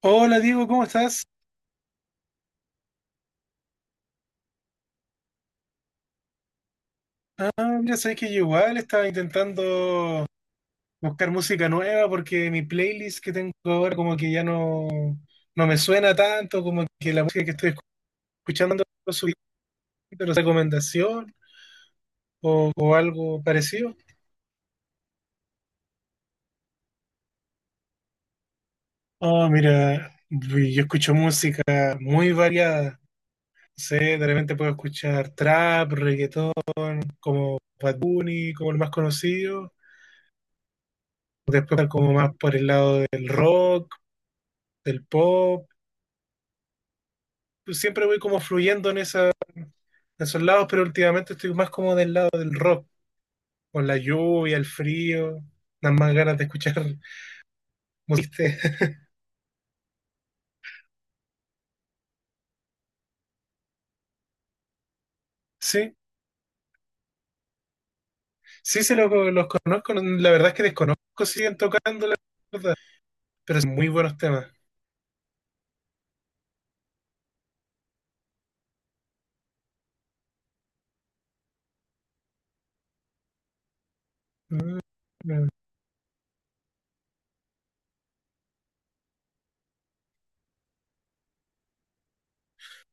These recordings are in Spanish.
Hola Diego, ¿cómo estás? Ah, mira, sabes que yo igual estaba intentando buscar música nueva porque mi playlist que tengo ahora como que ya no, no me suena tanto, como que la música que estoy escuchando no lo subí, pero recomendación o algo parecido. Ah, mira, yo escucho música muy variada. No sé, de repente puedo escuchar trap, reggaetón, como Bad Bunny, como el más conocido. Después como más por el lado del rock, del pop. Pues, siempre voy como fluyendo en, esa, en esos lados, pero últimamente estoy más como del lado del rock, con la lluvia, el frío, las más ganas de escuchar música. Sí, los conozco, la verdad es que desconozco si siguen tocando, la verdad, pero son muy buenos temas. Mm.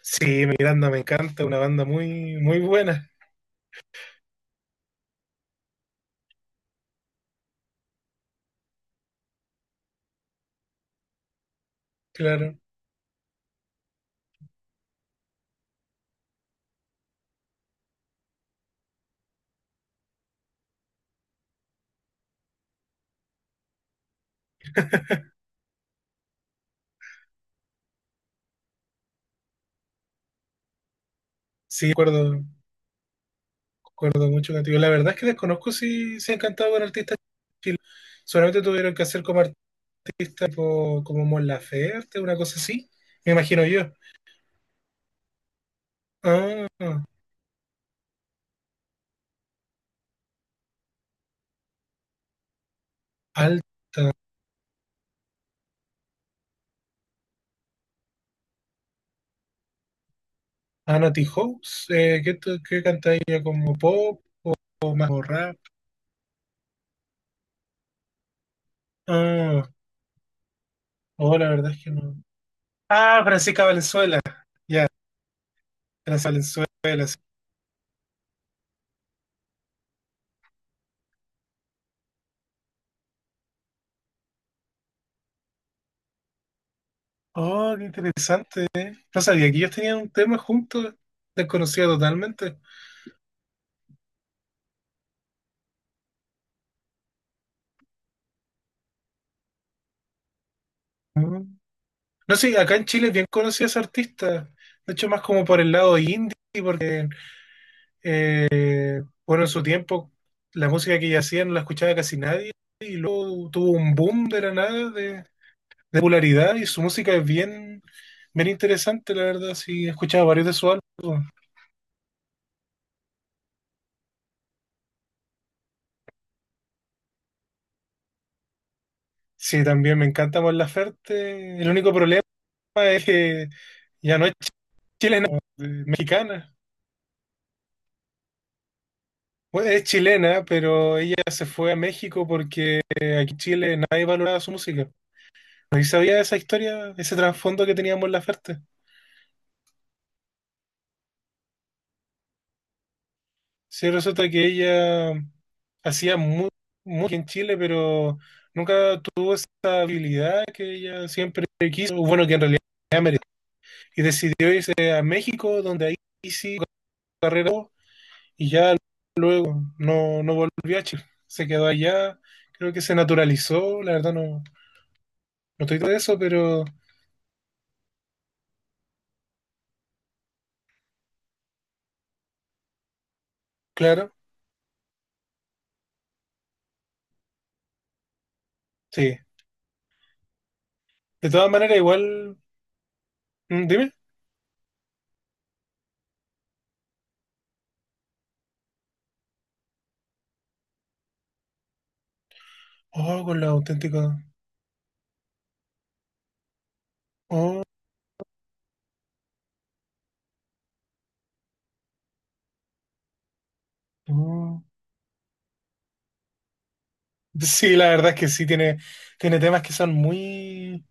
Sí, Miranda me encanta, una banda muy, muy buena, claro. Sí, acuerdo mucho contigo. La verdad es que desconozco si han cantado con artistas chilenos. Solamente tuvieron que hacer como artistas tipo, como Mon Laferte, una cosa así, me imagino yo. Ah, alta. Ah, Natty House, ¿qué, qué canta ella? ¿Como pop o más como rap? Ah, oh, la verdad es que no. Ah, Francisca Valenzuela. Ya, Francisca Valenzuela. Sí. Oh, qué interesante. No sabía que ellos tenían un tema juntos, desconocida totalmente. Mm. No sé, acá en Chile es bien conocida esa artista. De hecho, más como por el lado indie. Bueno, en su tiempo la música que ella hacía no la escuchaba casi nadie y luego tuvo un boom de la nada de popularidad y su música es bien, bien interesante, la verdad. Sí, he escuchado varios de sus álbumes. Sí, también me encanta Mon Laferte. El único problema es que ya no es chilena, es mexicana. Bueno, es chilena, pero ella se fue a México porque aquí en Chile nadie valoraba su música. ¿No sabía esa historia, ese trasfondo que tenía Mon Laferte? Sí, resulta que ella hacía muy, muy en Chile, pero nunca tuvo esa habilidad que ella siempre quiso, o bueno, que en realidad merecía, y decidió irse a México, donde ahí sí su carrera y ya no, no volvió a Chile. Se quedó allá, creo que se naturalizó, la verdad no, no estoy todo de eso, pero claro, sí. De todas maneras, igual, dime. Oh, con la auténtica. Oh, oh. Sí, la verdad es que sí, tiene, tiene temas que son muy,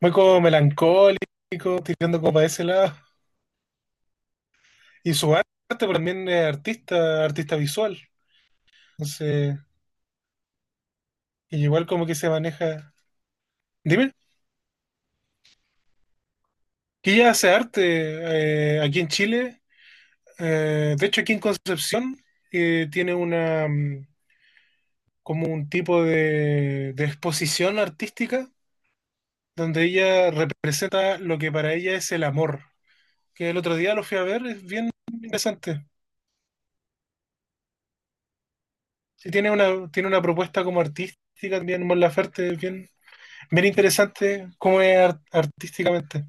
muy como melancólicos, tirando como para ese lado. Y su arte pero también es artista, artista visual. Entonces, y igual como que se maneja. Dime, que ella hace arte aquí en Chile. De hecho, aquí en Concepción tiene una como un tipo de exposición artística donde ella representa lo que para ella es el amor. Que el otro día lo fui a ver, es bien interesante. Sí, tiene una propuesta como artística también, Mon Laferte, bien, bien interesante cómo es artísticamente.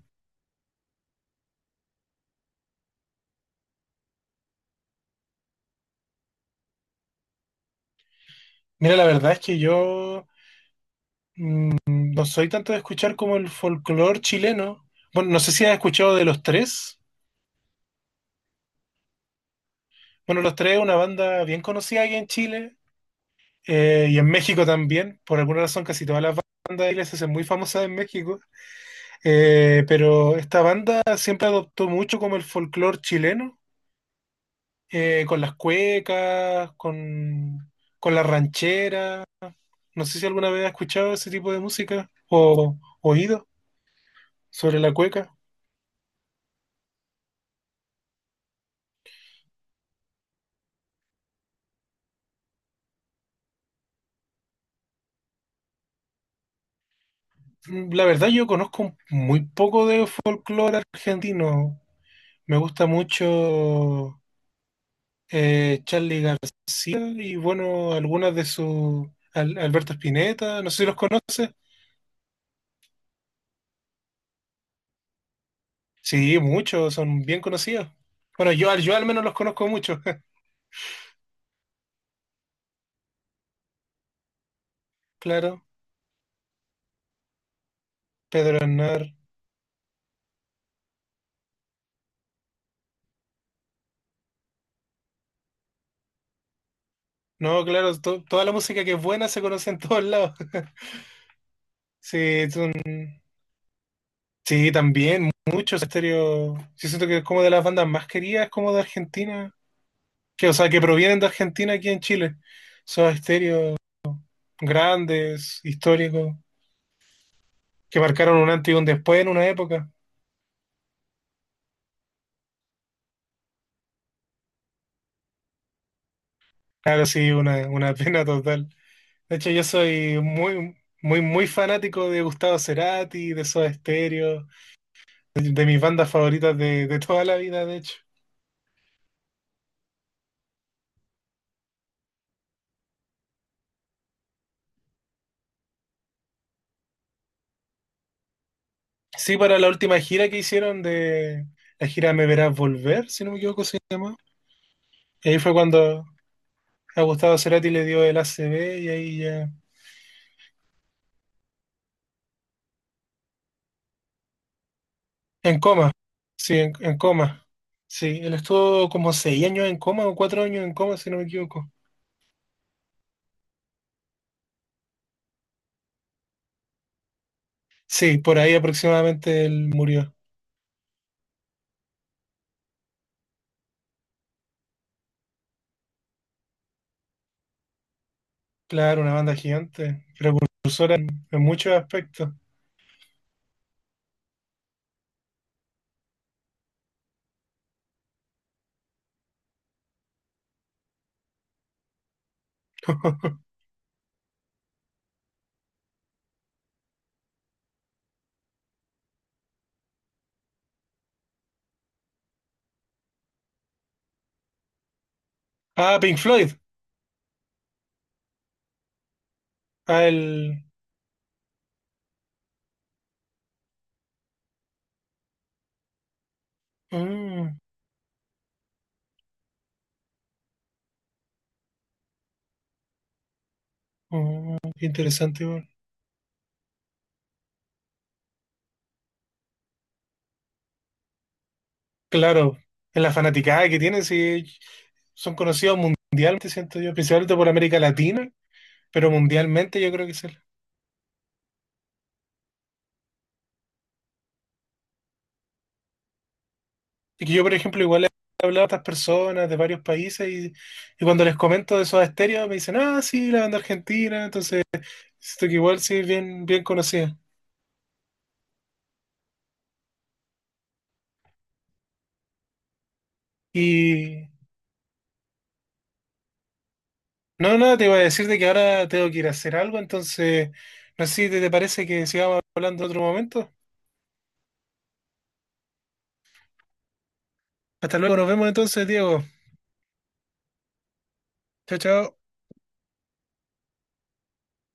Mira, la verdad es que yo no soy tanto de escuchar como el folclore chileno. Bueno, no sé si has escuchado de Los Tres. Bueno, Los Tres es una banda bien conocida aquí en Chile y en México también. Por alguna razón, casi todas las bandas de iglesias son muy famosas en México. Pero esta banda siempre adoptó mucho como el folclore chileno con las cuecas, con las rancheras. No sé si alguna vez has escuchado ese tipo de música o oído sobre la cueca. Mm, la verdad yo conozco muy poco de folclore argentino. Me gusta mucho Charly García y bueno, algunas de sus... Alberto Spinetta, no sé si los conoces. Sí, muchos, son bien conocidos. Bueno, yo, yo al menos los conozco mucho. Claro, Pedro Aznar. No, claro, toda la música que es buena se conoce en todos lados. Sí, es un- sí, también, muchos Estéreo. Yo siento que es como de las bandas más queridas, como de Argentina. Que, o sea, que provienen de Argentina aquí en Chile. Son Estéreo grandes, históricos, que marcaron un antes y un después en una época. Claro, sí, una pena total. De hecho, yo soy muy, muy, muy fanático de Gustavo Cerati, de Soda Stereo, de mis bandas favoritas de toda la vida, de hecho. Sí, para la última gira que hicieron de la gira Me Verás Volver, si no me equivoco, se llama. Y ahí fue cuando a Gustavo Cerati le dio el ACV y ahí ya. En coma, sí, en coma. Sí, él estuvo como 6 años en coma o 4 años en coma, si no me equivoco. Sí, por ahí aproximadamente él murió. Claro, una banda gigante, precursora en muchos aspectos. Ah, Pink Floyd. Ah, el. Mm, qué interesante. Claro, en la fanaticada que tienen, sí, son conocidos mundialmente, siento yo, principalmente por América Latina, pero mundialmente yo creo que sí. Y que yo, por ejemplo, igual he hablado a estas personas de varios países y cuando les comento de esos estéreos me dicen, ah, sí, la banda argentina, entonces siento que igual sí es bien, bien conocida. Y no, nada, te iba a decir de que ahora tengo que ir a hacer algo, entonces no sé si te parece que sigamos hablando en otro momento. Hasta luego, nos vemos entonces, Diego. Chao, chao.